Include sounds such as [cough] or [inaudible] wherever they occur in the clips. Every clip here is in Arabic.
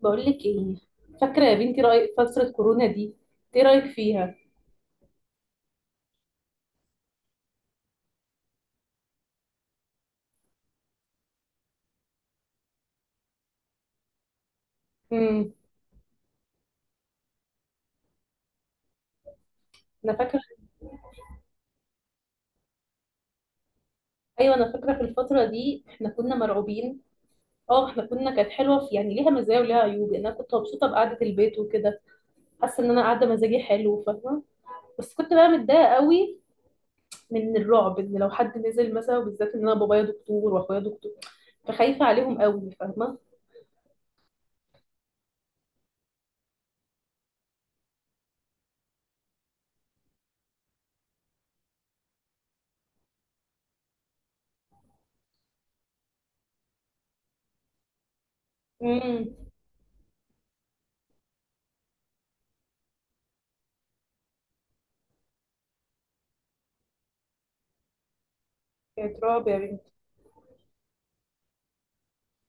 بقول لك ايه، فاكره يا بنتي رأي فتره كورونا دي؟ ايه رايك فيها؟ امم انا فاكره. ايوه انا فاكره في الفتره دي احنا كنا مرعوبين. اه احنا كانت حلوه، في يعني ليها مزايا وليها عيوب يعني. انا كنت مبسوطه بقعده البيت وكده، حاسه ان انا قاعده مزاجي حلو، فاهمه؟ بس كنت بقى متضايقه قوي من الرعب ان لو حد نزل مثلا، وبالذات ان انا بابايا دكتور واخويا دكتور، فخايفه عليهم قوي، فاهمه؟ امم كانت رعب يا بنتي.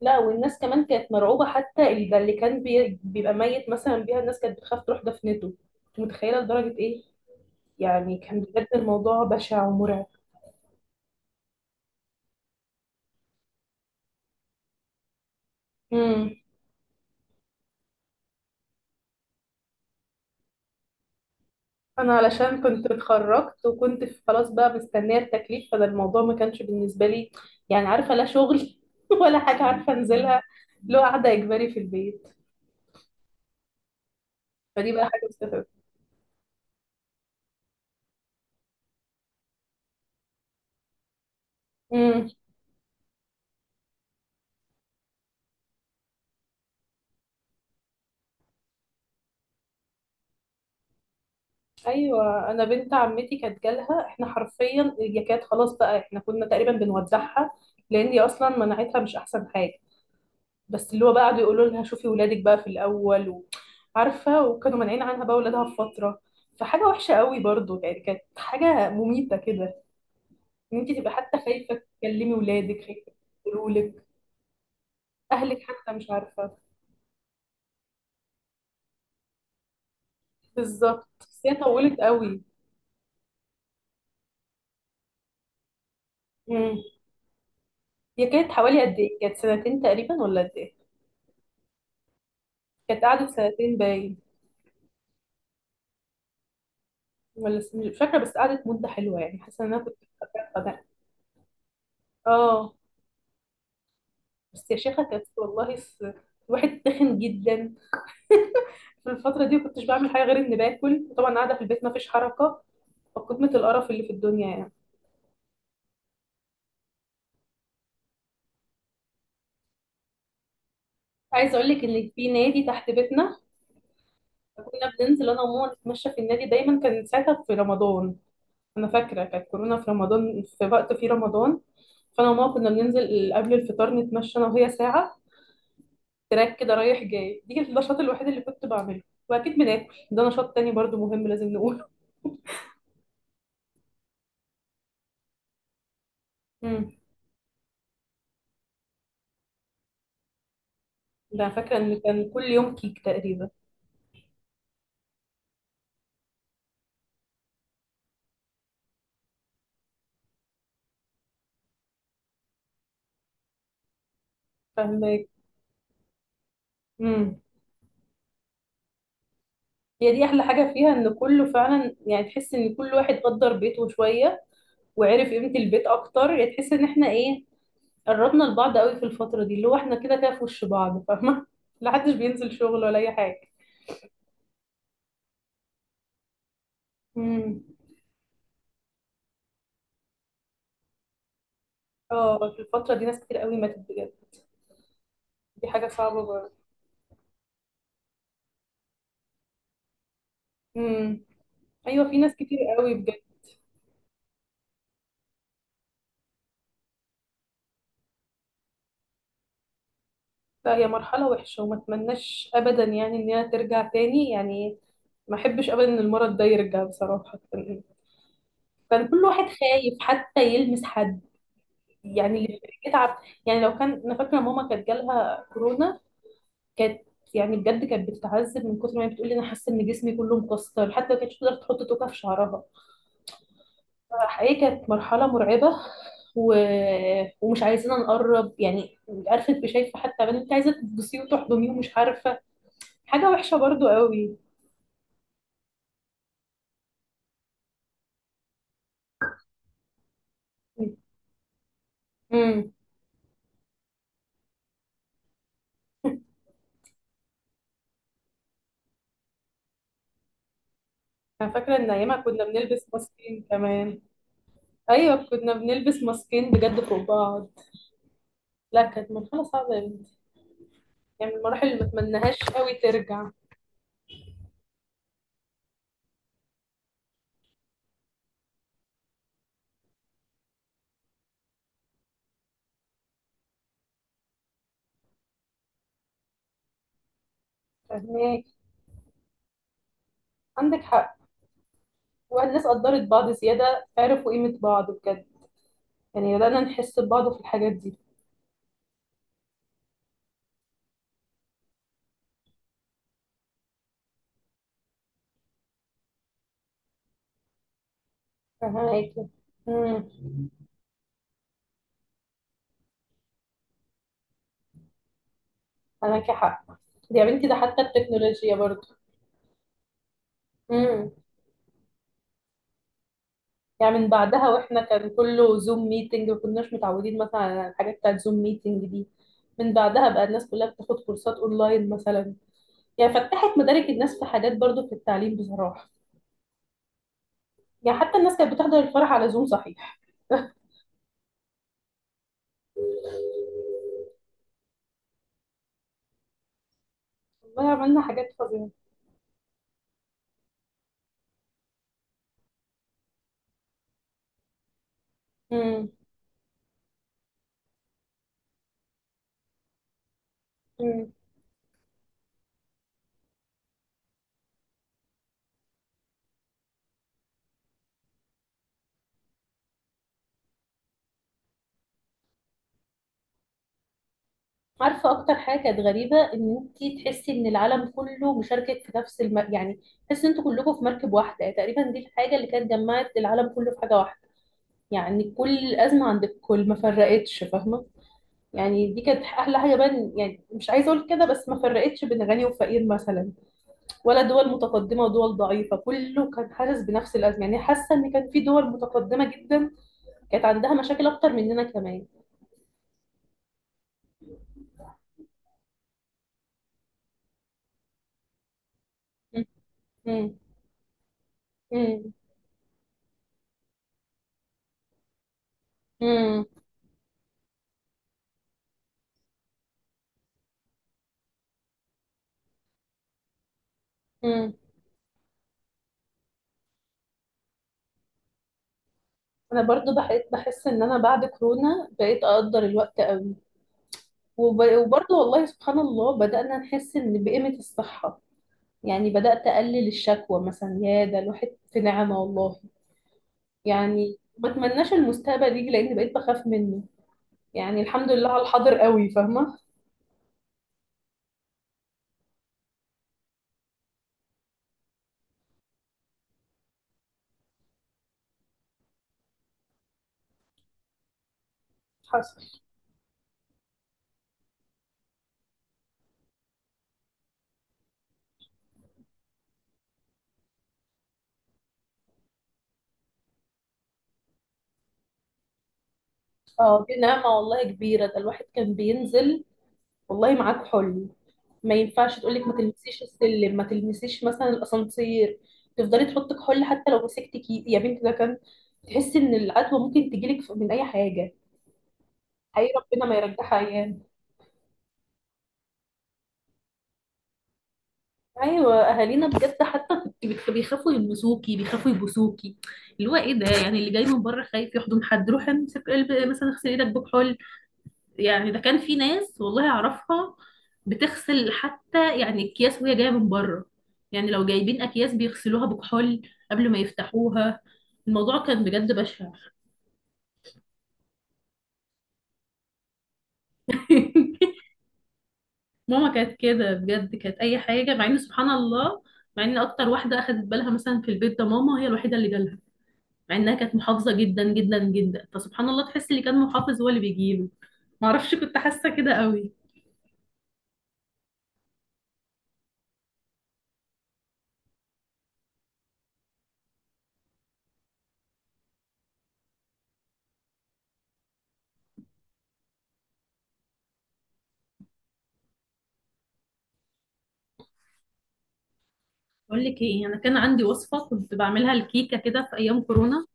لا والناس كمان كانت مرعوبة، حتى ده اللي كان بيبقى ميت مثلا بيها الناس كانت بتخاف تروح دفنته. انت متخيلة لدرجة ايه؟ يعني كان بجد الموضوع بشع ومرعب. امم انا علشان كنت اتخرجت وكنت خلاص بقى مستنية التكليف، فده الموضوع ما كانش بالنسبة لي يعني، عارفة؟ لا شغل [laughs] ولا حاجة عارفة انزلها، لو قاعدة اجباري في البيت. فدي بقى حاجة مستفزة. ايوه انا بنت عمتي كانت جالها، احنا حرفيا اليكات خلاص بقى، احنا كنا تقريبا بنودعها، لان هي اصلا مناعتها مش احسن حاجه. بس اللي هو بقى قعدوا يقولوا لها شوفي ولادك بقى في الاول و، عارفه؟ وكانوا مانعين عنها بقى ولادها في فتره. فحاجه وحشه قوي برضو يعني، كانت حاجه مميته كده، ان انت تبقى حتى خايفه تكلمي ولادك، خايفه يقولوا لك اهلك حتى مش عارفه. بالظبط، بس هي طولت قوي. امم هي كانت حوالي قد ايه؟ كانت سنتين تقريبا ولا قد ايه؟ كانت قعدت سنتين باين. مش فاكرة، بس قعدت مدة حلوة يعني، حاسة ان انا كنت فاكرة ده. اه بس يا شيخة كانت والله الواحد تخن جدا. [laughs] في الفترة دي ما كنتش بعمل حاجة غير اني باكل، وطبعا قاعدة في البيت ما فيش حركة، فقمة القرف اللي في الدنيا يعني. عايزة اقول لك ان في نادي تحت بيتنا، كنا بننزل انا وماما نتمشى في النادي. دايما كان ساعتها في رمضان، انا فاكرة كانت كورونا في رمضان، في وقت في رمضان. فانا وماما كنا بننزل قبل الفطار نتمشى انا وهي ساعة، تراك كده رايح جاي. دي كانت النشاط الوحيد اللي كنت بعمله. واكيد بناكل، ده نشاط تاني برضو مهم لازم نقوله. امم ده فاكره ان كان كل يوم كيك تقريبا. فاهمك. امم هي دي احلى حاجه فيها، ان كله فعلا يعني تحس ان كل واحد قدر بيته شويه وعرف قيمه البيت اكتر يعني. تحس ان احنا ايه، قربنا لبعض قوي في الفتره دي، اللي هو احنا كده كده في وش بعض، فاهمه؟ [laughs] لا حدش بينزل شغل ولا اي حاجه. امم اه في الفتره دي ناس كتير قوي ماتت بجد. دي حاجه صعبه برضه. امم ايوه في ناس كتير قوي بجد. لا هي مرحلة وحشة وما اتمناش ابدا يعني ان هي ترجع تاني يعني. ما احبش ابدا ان المرض ده يرجع بصراحة. كان كل واحد خايف حتى يلمس حد. يعني اللي بيتعب، يعني لو كان انا فاكرة ماما كانت جالها كورونا. كانت يعني بجد كانت بتتعذب من كتر ما هي بتقول لي انا حاسة ان جسمي كله مكسر، حتى ما كانتش تقدر تحط توكة في شعرها. حقيقي كانت مرحلة مرعبة، و... ومش عايزين نقرب يعني، عارفه؟ انت شايفه حتى بنت عايزه تبصي وتحضنيه ومش عارفه. حاجه وحشه برضو قوي. امم انا فاكره ان ايامها كنا بنلبس ماسكين كمان. ايوه كنا بنلبس ماسكين بجد فوق بعض. لا كانت مرحله صعبه يا بنتي، يعني من المراحل اللي ما اتمناهاش قوي ترجع. فاهمه؟ عندك حق. والناس قدرت بعض زياده، عرفوا قيمه بعض بجد. يعني بدانا نحس ببعض في الحاجات دي، فاهمه؟ امم انا حق. دي يا بنتي ده حتى التكنولوجيا برضه. يعني من بعدها واحنا كان كله زوم ميتنج، ما كناش متعودين مثلا على الحاجات بتاعت زوم ميتنج دي. من بعدها بقى الناس كلها بتاخد كورسات اونلاين مثلا. يعني فتحت مدارك الناس في حاجات برضو في التعليم بصراحة. يعني حتى الناس كانت بتحضر الفرح على زوم صحيح. [laughs] والله عملنا حاجات فظيعة. امم امم عارفة أكتر حاجة كانت غريبة؟ إن أنت تحسي إن العالم كله مشاركك في نفس يعني تحسي إن أنتوا كلكم في مركب واحدة يعني تقريبا. دي الحاجة اللي كانت جمعت العالم كله في حاجة واحدة. يعني كل الأزمة عند الكل ما فرقتش، فاهمة؟ يعني دي كانت أحلى حاجة بقى، يعني مش عايزة أقول كده، بس ما فرقتش بين غني وفقير مثلا، ولا دول متقدمة ودول ضعيفة. كله كان حاسس بنفس الأزمة. يعني حاسة إن كان في دول متقدمة جدا كانت عندها مشاكل أكتر مننا كمان. م- م- م- م- م. أنا برضو بحس إن أنا بعد كورونا بقيت أقدر الوقت قوي. وبرضو والله سبحان الله بدأنا نحس إن بقيمة الصحة. يعني بدأت أقلل الشكوى مثلا، يا ده الواحد في نعمة والله. يعني ما اتمناش المستقبل يجي لأن بقيت بخاف منه. يعني الحمد لله على الحاضر قوي، فاهمة؟ حصل. اه دي نعمة والله كبيرة. ده الواحد كان بينزل والله معاك حلم، ما ينفعش تقولك ما تلمسيش السلم، ما تلمسيش مثلا الأسانسير، تفضلي تحطك حل. حتى لو مسكتك ايدي يا بنت ده كان تحسي ان العدوى ممكن تجيلك من اي حاجة. حقيقي ربنا ما يرجعها ايام. ايوه اهالينا بجد حتى بيخافوا يلمسوكي، بيخافوا يبوسوكي. اللي هو ايه ده؟ يعني اللي جاي من بره خايف يحضن حد، روح امسك قلب مثلا اغسل ايدك بكحول. يعني ده كان في ناس والله اعرفها بتغسل حتى يعني اكياس وهي جايه من بره. يعني لو جايبين اكياس بيغسلوها بكحول قبل ما يفتحوها. الموضوع كان بجد بشع. [laughs] ماما كانت كده بجد، كانت اي حاجه، مع ان سبحان الله. مع ان اكتر واحده اخدت بالها مثلا في البيت ده ماما، هي الوحيده اللي جالها. مع انها كانت محافظه جدا جدا جدا. فسبحان الله تحس اللي كان محافظ هو اللي بيجيله. ما اعرفش، كنت حاسه كده قوي. اقول لك ايه، انا كان عندي وصفه كنت بعملها، الكيكه كده في ايام كورونا.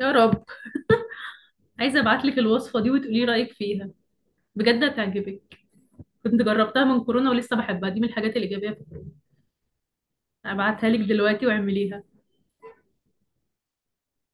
يا رب. عايزه ابعت لك الوصفه دي وتقولي رايك فيها. بجد هتعجبك. كنت جربتها من كورونا ولسه بحبها، دي من الحاجات الايجابيه. ابعتها لك دلوقتي واعمليها.